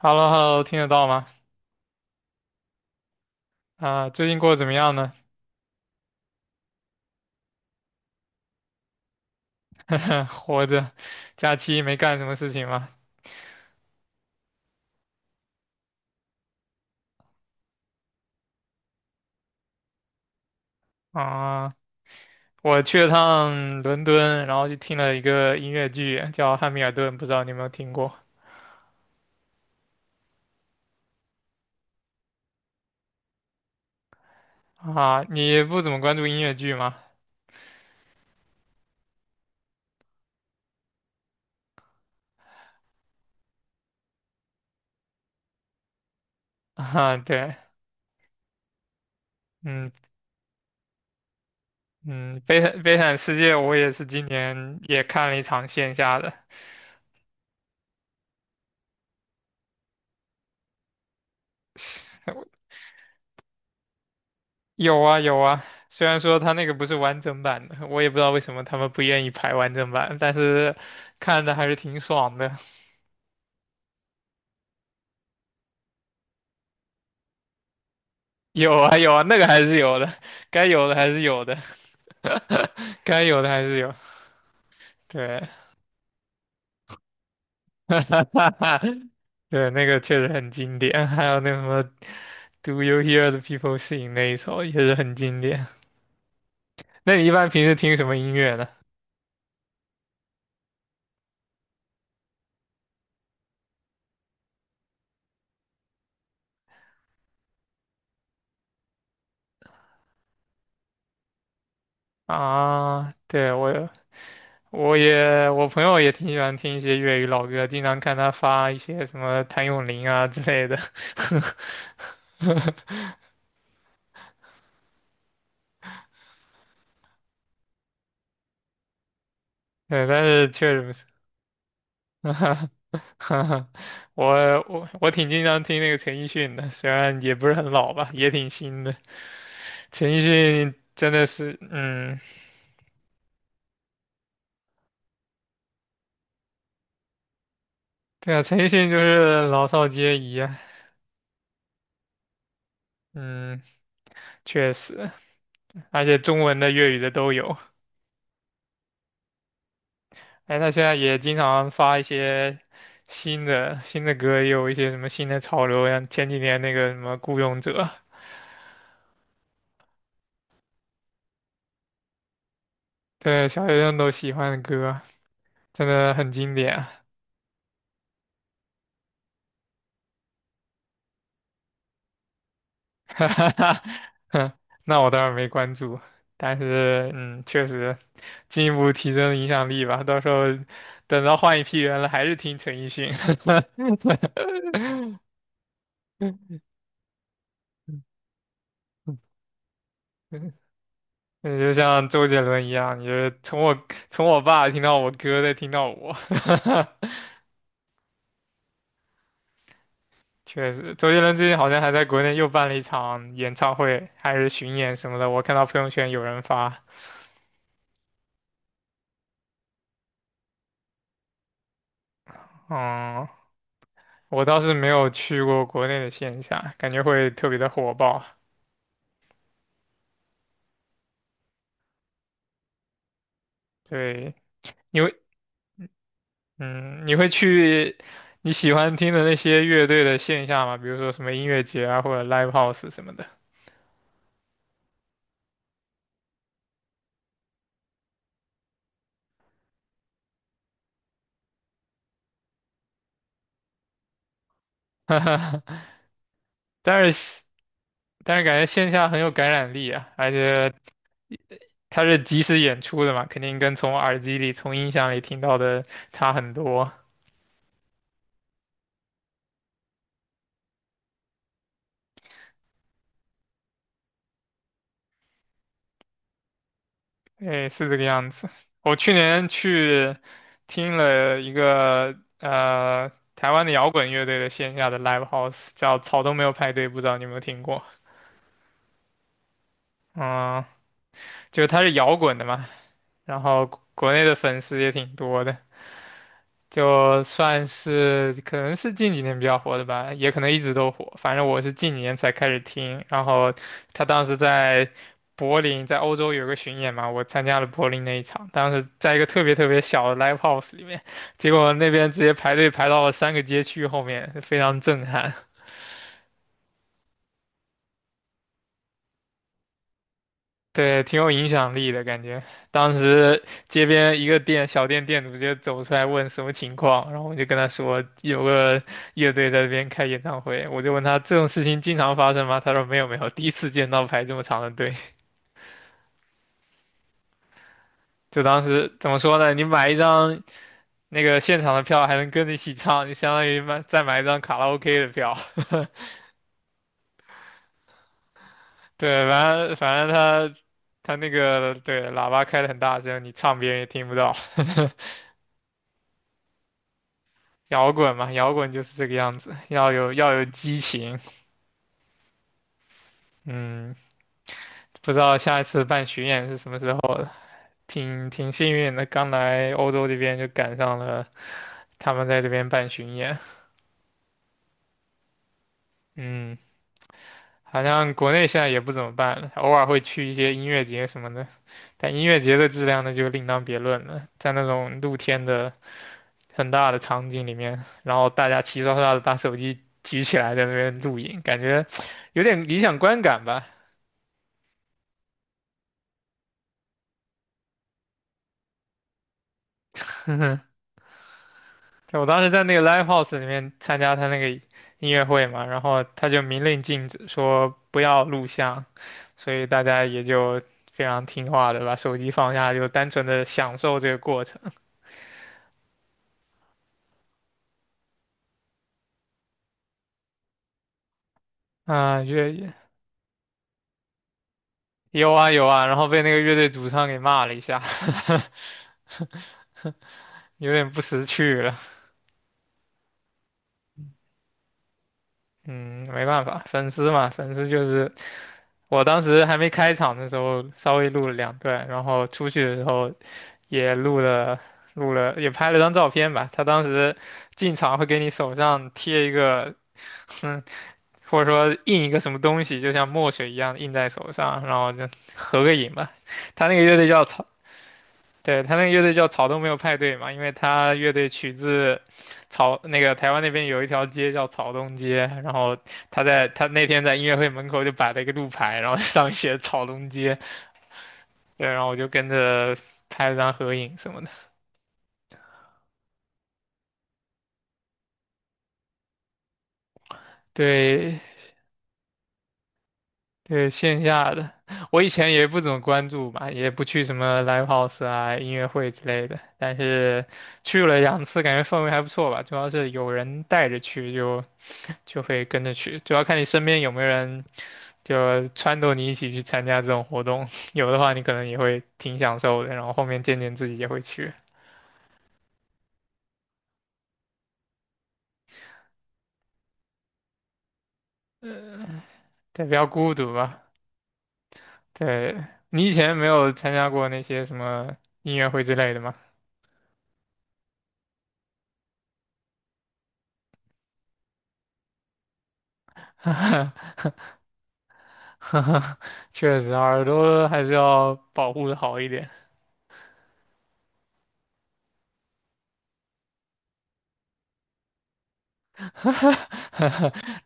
h e l l o h e l l o 听得到吗？啊，最近过得怎么样呢？活着，假期没干什么事情吗？啊，我去了趟伦敦，然后就听了一个音乐剧，叫《汉密尔顿》，不知道你有没有听过？啊，你不怎么关注音乐剧吗？啊，对，嗯嗯，《悲惨世界》我也是今年也看了一场线下的，有啊有啊。虽然说他那个不是完整版的，我也不知道为什么他们不愿意排完整版，但是看的还是挺爽的。有啊有啊，那个还是有的，该有的还是有的，该有的还是有。对，对，那个确实很经典。还有那什么，Do you hear the people sing 那一首也是很经典。那你一般平时听什么音乐呢？啊，对，我朋友也挺喜欢听一些粤语老歌，经常看他发一些什么谭咏麟啊之类的。对，但是确实不是。哈哈，哈哈，我我挺经常听那个陈奕迅的，虽然也不是很老吧，也挺新的。陈奕迅真的是，嗯，对啊，陈奕迅就是老少皆宜啊，嗯，确实，而且中文的、粤语的都有。哎，他现在也经常发一些新的歌，也有一些什么新的潮流，像前几年那个什么《孤勇者》，对，小学生都喜欢的歌，真的很经典啊 哈哈哈，哼那我当然没关注，但是确实进一步提升影响力吧。到时候等到换一批人了，还是听陈奕迅。嗯，就像周杰伦一样，你就是从我爸听到我哥，再听到我。确实，周杰伦最近好像还在国内又办了一场演唱会，还是巡演什么的，我看到朋友圈有人发。嗯，我倒是没有去过国内的线下，感觉会特别的火爆。对，你会，嗯，你会去你喜欢听的那些乐队的线下吗？比如说什么音乐节啊，或者 live house 什么的。但是，但是感觉线下很有感染力啊，而且它是即时演出的嘛，肯定跟从耳机里、从音响里听到的差很多。哎，是这个样子。我去年去听了一个台湾的摇滚乐队的线下的 live house，叫草东没有派对，不知道你有没有听过？嗯，就是它是摇滚的嘛，然后国内的粉丝也挺多的。就算是可能是近几年比较火的吧，也可能一直都火。反正我是近几年才开始听，然后他当时在柏林，在欧洲有个巡演嘛，我参加了柏林那一场，当时在一个特别特别小的 live house 里面，结果那边直接排队排到了3个街区后面，非常震撼。对，挺有影响力的感觉。当时街边一个小店店主就走出来问什么情况，然后我就跟他说有个乐队在这边开演唱会，我就问他这种事情经常发生吗？他说没有没有，第一次见到排这么长的队。就当时怎么说呢？你买一张那个现场的票，还能跟着一起唱，就相当于再买一张卡拉 OK 的票。对，反正他那个对喇叭开的很大声，你唱别人也听不到。摇滚嘛，摇滚就是这个样子，要有激情。嗯，不知道下一次办巡演是什么时候了，挺幸运的，刚来欧洲这边就赶上了他们在这边办巡演。嗯，好像国内现在也不怎么办了，偶尔会去一些音乐节什么的，但音乐节的质量呢就另当别论了，在那种露天的很大的场景里面，然后大家齐刷刷的把手机举起来在那边录影，感觉有点理想观感吧。对，我当时在那个 live house 里面参加他那个音乐会嘛，然后他就明令禁止说不要录像，所以大家也就非常听话的把手机放下，就单纯的享受这个过程。啊，有啊有啊，然后被那个乐队主唱给骂了一下，有点不识趣了。嗯，没办法，粉丝嘛，粉丝就是我当时还没开场的时候，稍微录了2段，然后出去的时候也录了录了，也拍了张照片吧。他当时进场会给你手上贴一个，嗯，或者说印一个什么东西，就像墨水一样印在手上，然后就合个影吧。他那个乐队对，他那个乐队叫草东没有派对嘛，因为他乐队取自那个台湾那边有一条街叫草东街，然后他那天在音乐会门口就摆了一个路牌，然后 上面写草东街，对，然后我就跟着拍了张合影什么的。对对，线下的我以前也不怎么关注吧，也不去什么 live house 啊、音乐会之类的，但是去了2次，感觉氛围还不错吧，主要是有人带着去就会跟着去，主要看你身边有没有人就撺掇你一起去参加这种活动，有的话你可能也会挺享受的，然后后面渐渐自己也会去，对，比较孤独吧。对，你以前没有参加过那些什么音乐会之类的吗？确实，耳朵还是要保护的好一点。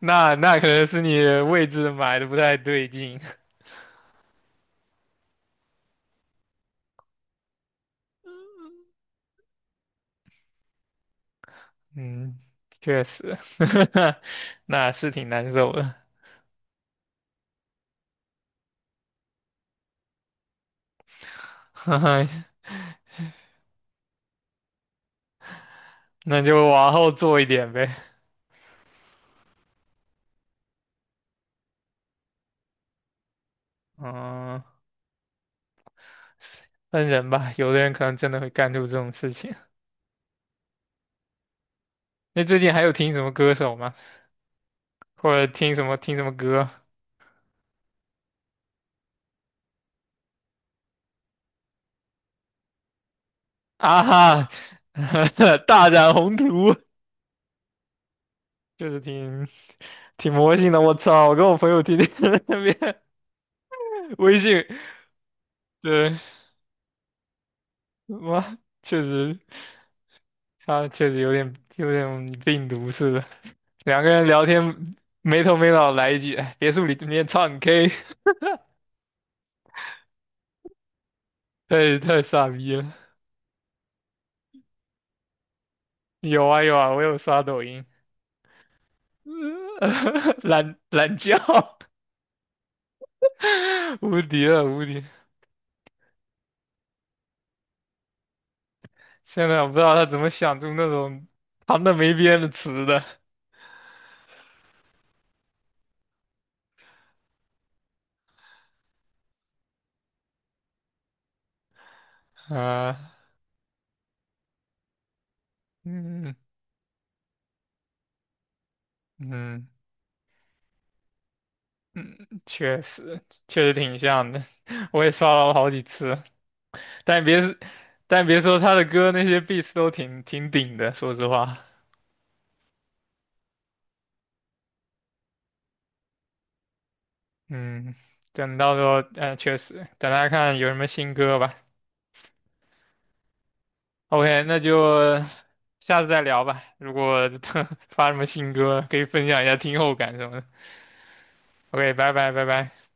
那可能是你位置买的不太对劲。嗯，确实，那是挺难受的。哈哈那就往后做一点呗。嗯，分人吧，有的人可能真的会干出这种事情。那最近还有听什么歌手吗？或者听什么歌啊？哈，大展宏图，就是挺魔性的。我操！我跟我朋友天天 在那边微信，对，哇，确实，他确实有点病毒似的。2个人聊天没头没脑来一句，哎别墅里面唱 K，太傻逼了。有啊有啊，我有刷抖音，懒懒觉，无敌了无敌！现在我不知道他怎么想出那种旁的没边的词的啊，嗯嗯嗯，确实挺像的，我也刷了好几次，但别是但别说他的歌那些 beats 都挺顶的，说实话，嗯，等到时候确实等他看有什么新歌吧。OK，那就下次再聊吧。如果 发什么新歌，可以分享一下听后感什么的。OK，拜拜，拜拜。